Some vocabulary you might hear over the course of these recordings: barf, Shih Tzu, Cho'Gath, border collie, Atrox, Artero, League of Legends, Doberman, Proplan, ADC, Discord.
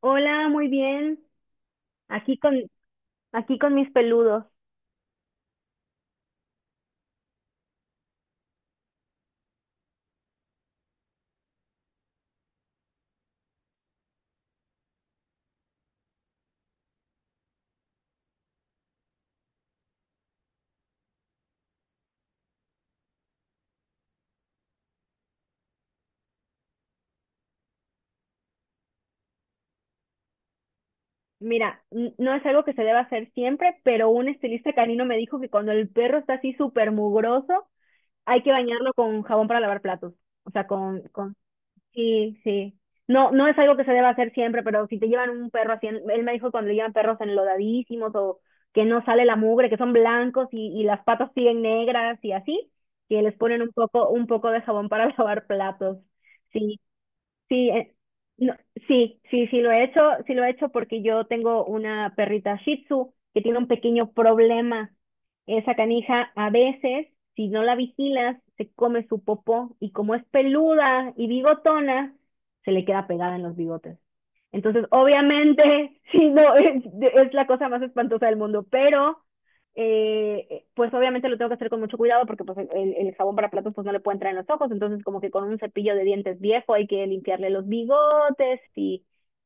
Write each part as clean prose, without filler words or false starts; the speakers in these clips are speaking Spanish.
Hola, muy bien. Aquí con, Aquí con mis peludos. Mira, no es algo que se deba hacer siempre, pero un estilista canino me dijo que cuando el perro está así súper mugroso, hay que bañarlo con jabón para lavar platos. O sea, sí, sí. No, no es algo que se deba hacer siempre, pero si te llevan un perro así, él me dijo cuando le llevan perros enlodadísimos o que no sale la mugre, que son blancos y las patas siguen negras y así, que les ponen un poco de jabón para lavar platos. Sí, sí, no, sí, sí, sí lo he hecho, sí lo he hecho porque yo tengo una perrita Shih Tzu que tiene un pequeño problema. Esa canija a veces, si no la vigilas, se come su popó y como es peluda y bigotona, se le queda pegada en los bigotes. Entonces, obviamente, sí, no, es la cosa más espantosa del mundo, pero pues obviamente lo tengo que hacer con mucho cuidado porque pues el jabón para platos pues no le puede entrar en los ojos, entonces como que con un cepillo de dientes viejo hay que limpiarle los bigotes y,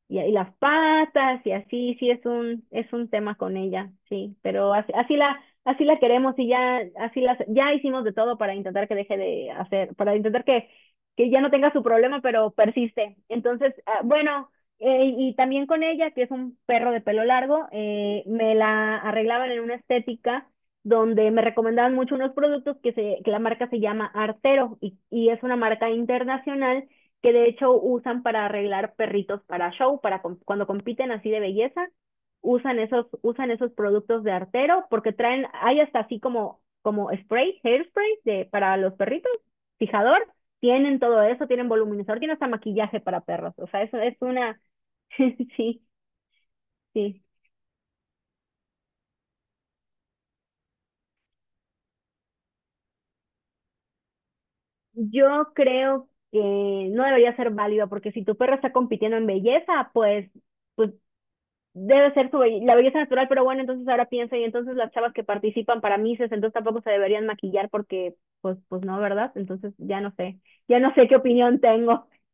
y, y las patas y así, sí es un tema con ella, sí, pero así la queremos y ya, ya hicimos de todo para intentar que deje de hacer, para intentar que ya no tenga su problema, pero persiste. Entonces, bueno, y también con ella, que es un perro de pelo largo, me la arreglaban en una estética donde me recomendaban mucho unos productos que la marca se llama Artero y es una marca internacional que de hecho usan para arreglar perritos para show, para cuando compiten así de belleza, usan esos productos de Artero porque traen, hay hasta así como, como spray, hairspray de, para los perritos, fijador, tienen todo eso, tienen voluminizador, tienen hasta maquillaje para perros, o sea, eso es una sí, sí. Yo creo que no debería ser válida porque si tu perro está compitiendo en belleza, pues, pues debe ser su la belleza natural, pero bueno, entonces ahora pienso, y entonces las chavas que participan para Misses entonces tampoco se deberían maquillar porque, pues no, ¿verdad? Entonces ya no sé qué opinión tengo.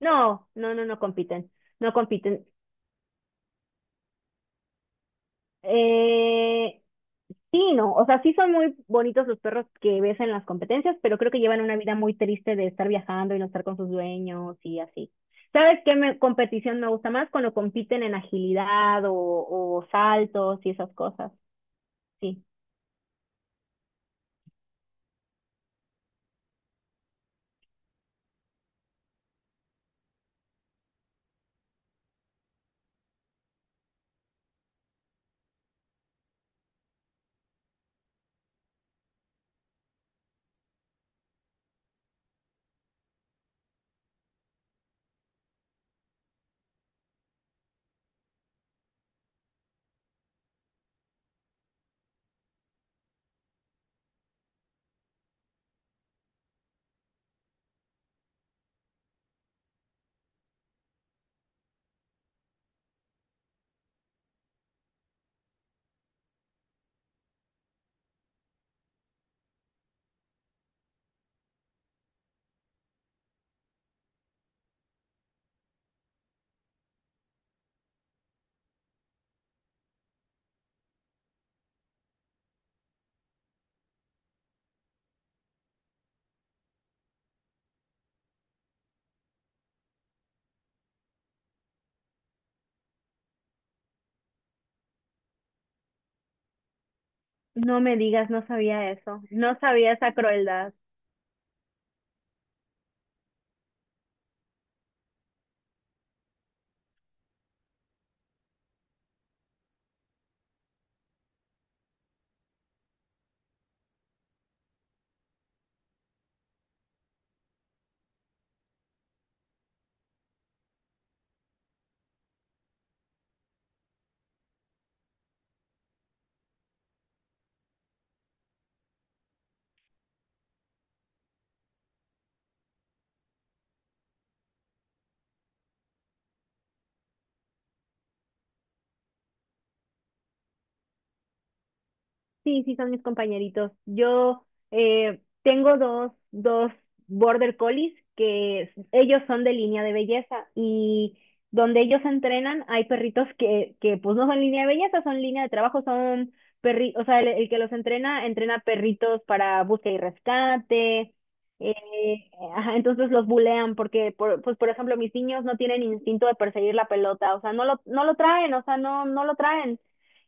No, no, no, no compiten, no compiten. Eh, Sí, no, o sea, sí son muy bonitos los perros que ves en las competencias, pero creo que llevan una vida muy triste de estar viajando y no estar con sus dueños y así. ¿Sabes qué competición me gusta más? Cuando compiten en agilidad o saltos y esas cosas. Sí. No me digas, no sabía eso. No sabía esa crueldad. Sí, sí, son mis compañeritos. Yo tengo dos border collies que ellos son de línea de belleza y donde ellos entrenan hay perritos que pues no son línea de belleza, son línea de trabajo, son perri, o sea, el que los entrena, entrena perritos para búsqueda y rescate. Ajá, entonces los bulean porque, pues por ejemplo, mis niños no tienen instinto de perseguir la pelota, o sea, no lo traen, o sea, no, no lo traen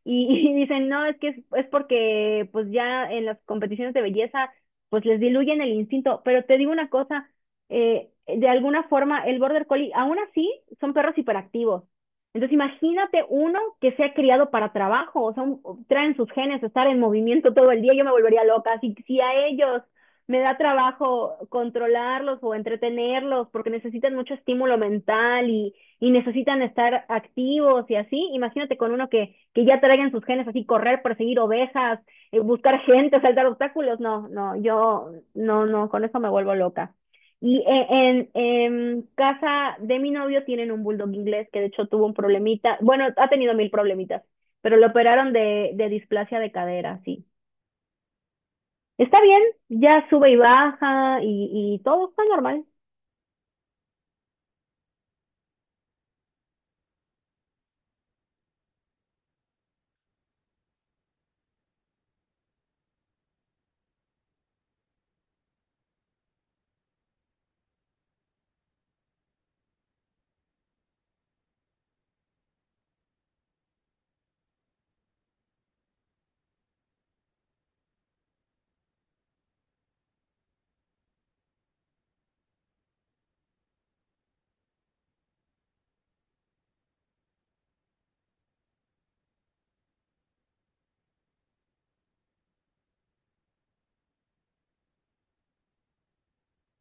y, y dicen, no, es que es porque pues ya en las competiciones de belleza pues les diluyen el instinto, pero te digo una cosa, de alguna forma el border collie, aún así son perros hiperactivos. Entonces imagínate uno que sea criado para trabajo, o sea, un, traen sus genes, estar en movimiento todo el día, yo me volvería loca. Si a ellos me da trabajo controlarlos o entretenerlos porque necesitan mucho estímulo mental y necesitan estar activos y así. Imagínate con uno que, ya traigan sus genes así, correr, perseguir ovejas, buscar gente, saltar obstáculos. No, no, yo no, no, con eso me vuelvo loca. Y en, casa de mi novio tienen un bulldog inglés que de hecho tuvo un problemita. Bueno, ha tenido mil problemitas, pero lo operaron de displasia de cadera, sí. Está bien, ya sube y baja y todo está normal.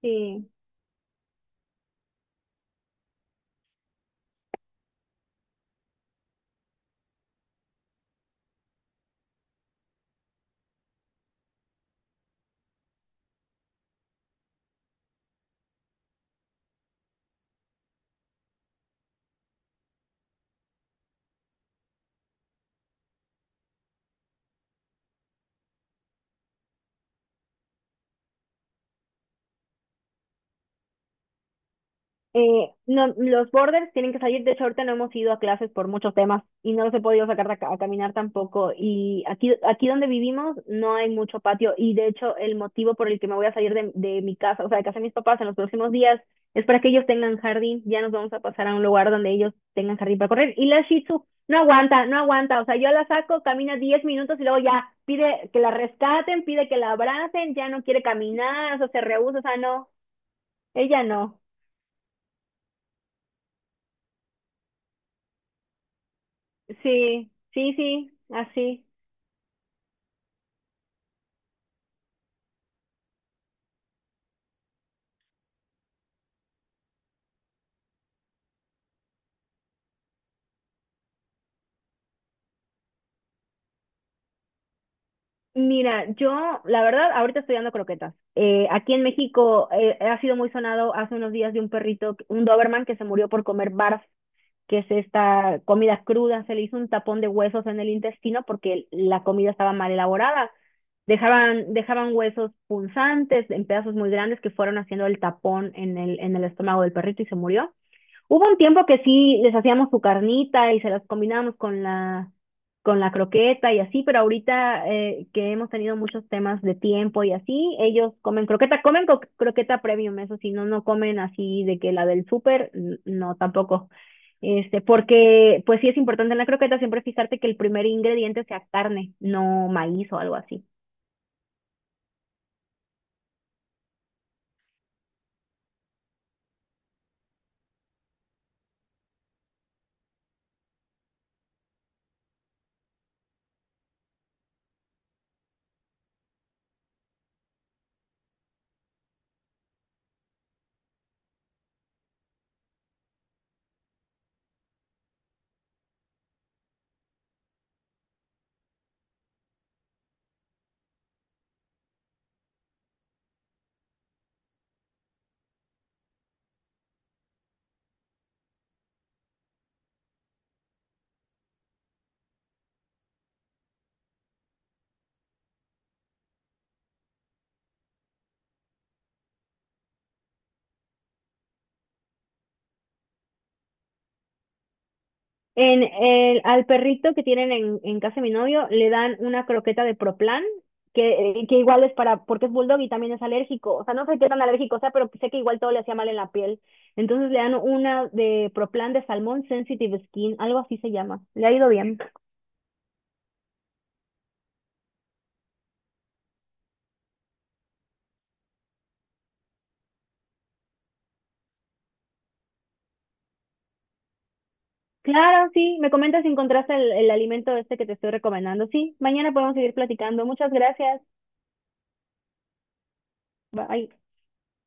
Sí, no, los borders tienen que salir. De hecho, ahorita no hemos ido a clases por muchos temas y no los he podido sacar a, a caminar tampoco. Y aquí donde vivimos no hay mucho patio. Y de hecho, el motivo por el que me voy a salir de mi casa, o sea, de casa de mis papás en los próximos días, es para que ellos tengan jardín. Ya nos vamos a pasar a un lugar donde ellos tengan jardín para correr. Y la Shih Tzu no aguanta, no aguanta. O sea, yo la saco, camina 10 minutos y luego ya pide que la rescaten, pide que la abracen, ya no quiere caminar, o sea, se rehúsa, o sea, no, ella no. Sí, sí, sí, así. Mira, yo, la verdad, ahorita estoy dando croquetas. Aquí en México ha sido muy sonado hace unos días de un perrito, un Doberman, que se murió por comer barf, que es esta comida cruda. Se le hizo un tapón de huesos en el intestino porque la comida estaba mal elaborada. Dejaban, dejaban huesos punzantes en pedazos muy grandes que fueron haciendo el tapón en el, estómago del perrito y se murió. Hubo un tiempo que sí les hacíamos su carnita y se las combinábamos con la croqueta y así, pero ahorita que hemos tenido muchos temas de tiempo y así, ellos comen croqueta, comen croqueta premium, eso sí, no, no comen así de que la del súper, no, tampoco. Este, porque pues sí es importante en la croqueta siempre fijarte que el primer ingrediente sea carne, no maíz o algo así. Al perrito que tienen en casa de mi novio le dan una croqueta de Proplan, que igual es para, porque es bulldog y también es alérgico. O sea, no sé qué tan alérgico sea, pero sé que igual todo le hacía mal en la piel. Entonces le dan una de Proplan de Salmón Sensitive Skin, algo así se llama. Le ha ido bien. Claro, sí, me comentas si encontraste el alimento este que te estoy recomendando. Sí, mañana podemos seguir platicando. Muchas gracias. Bye.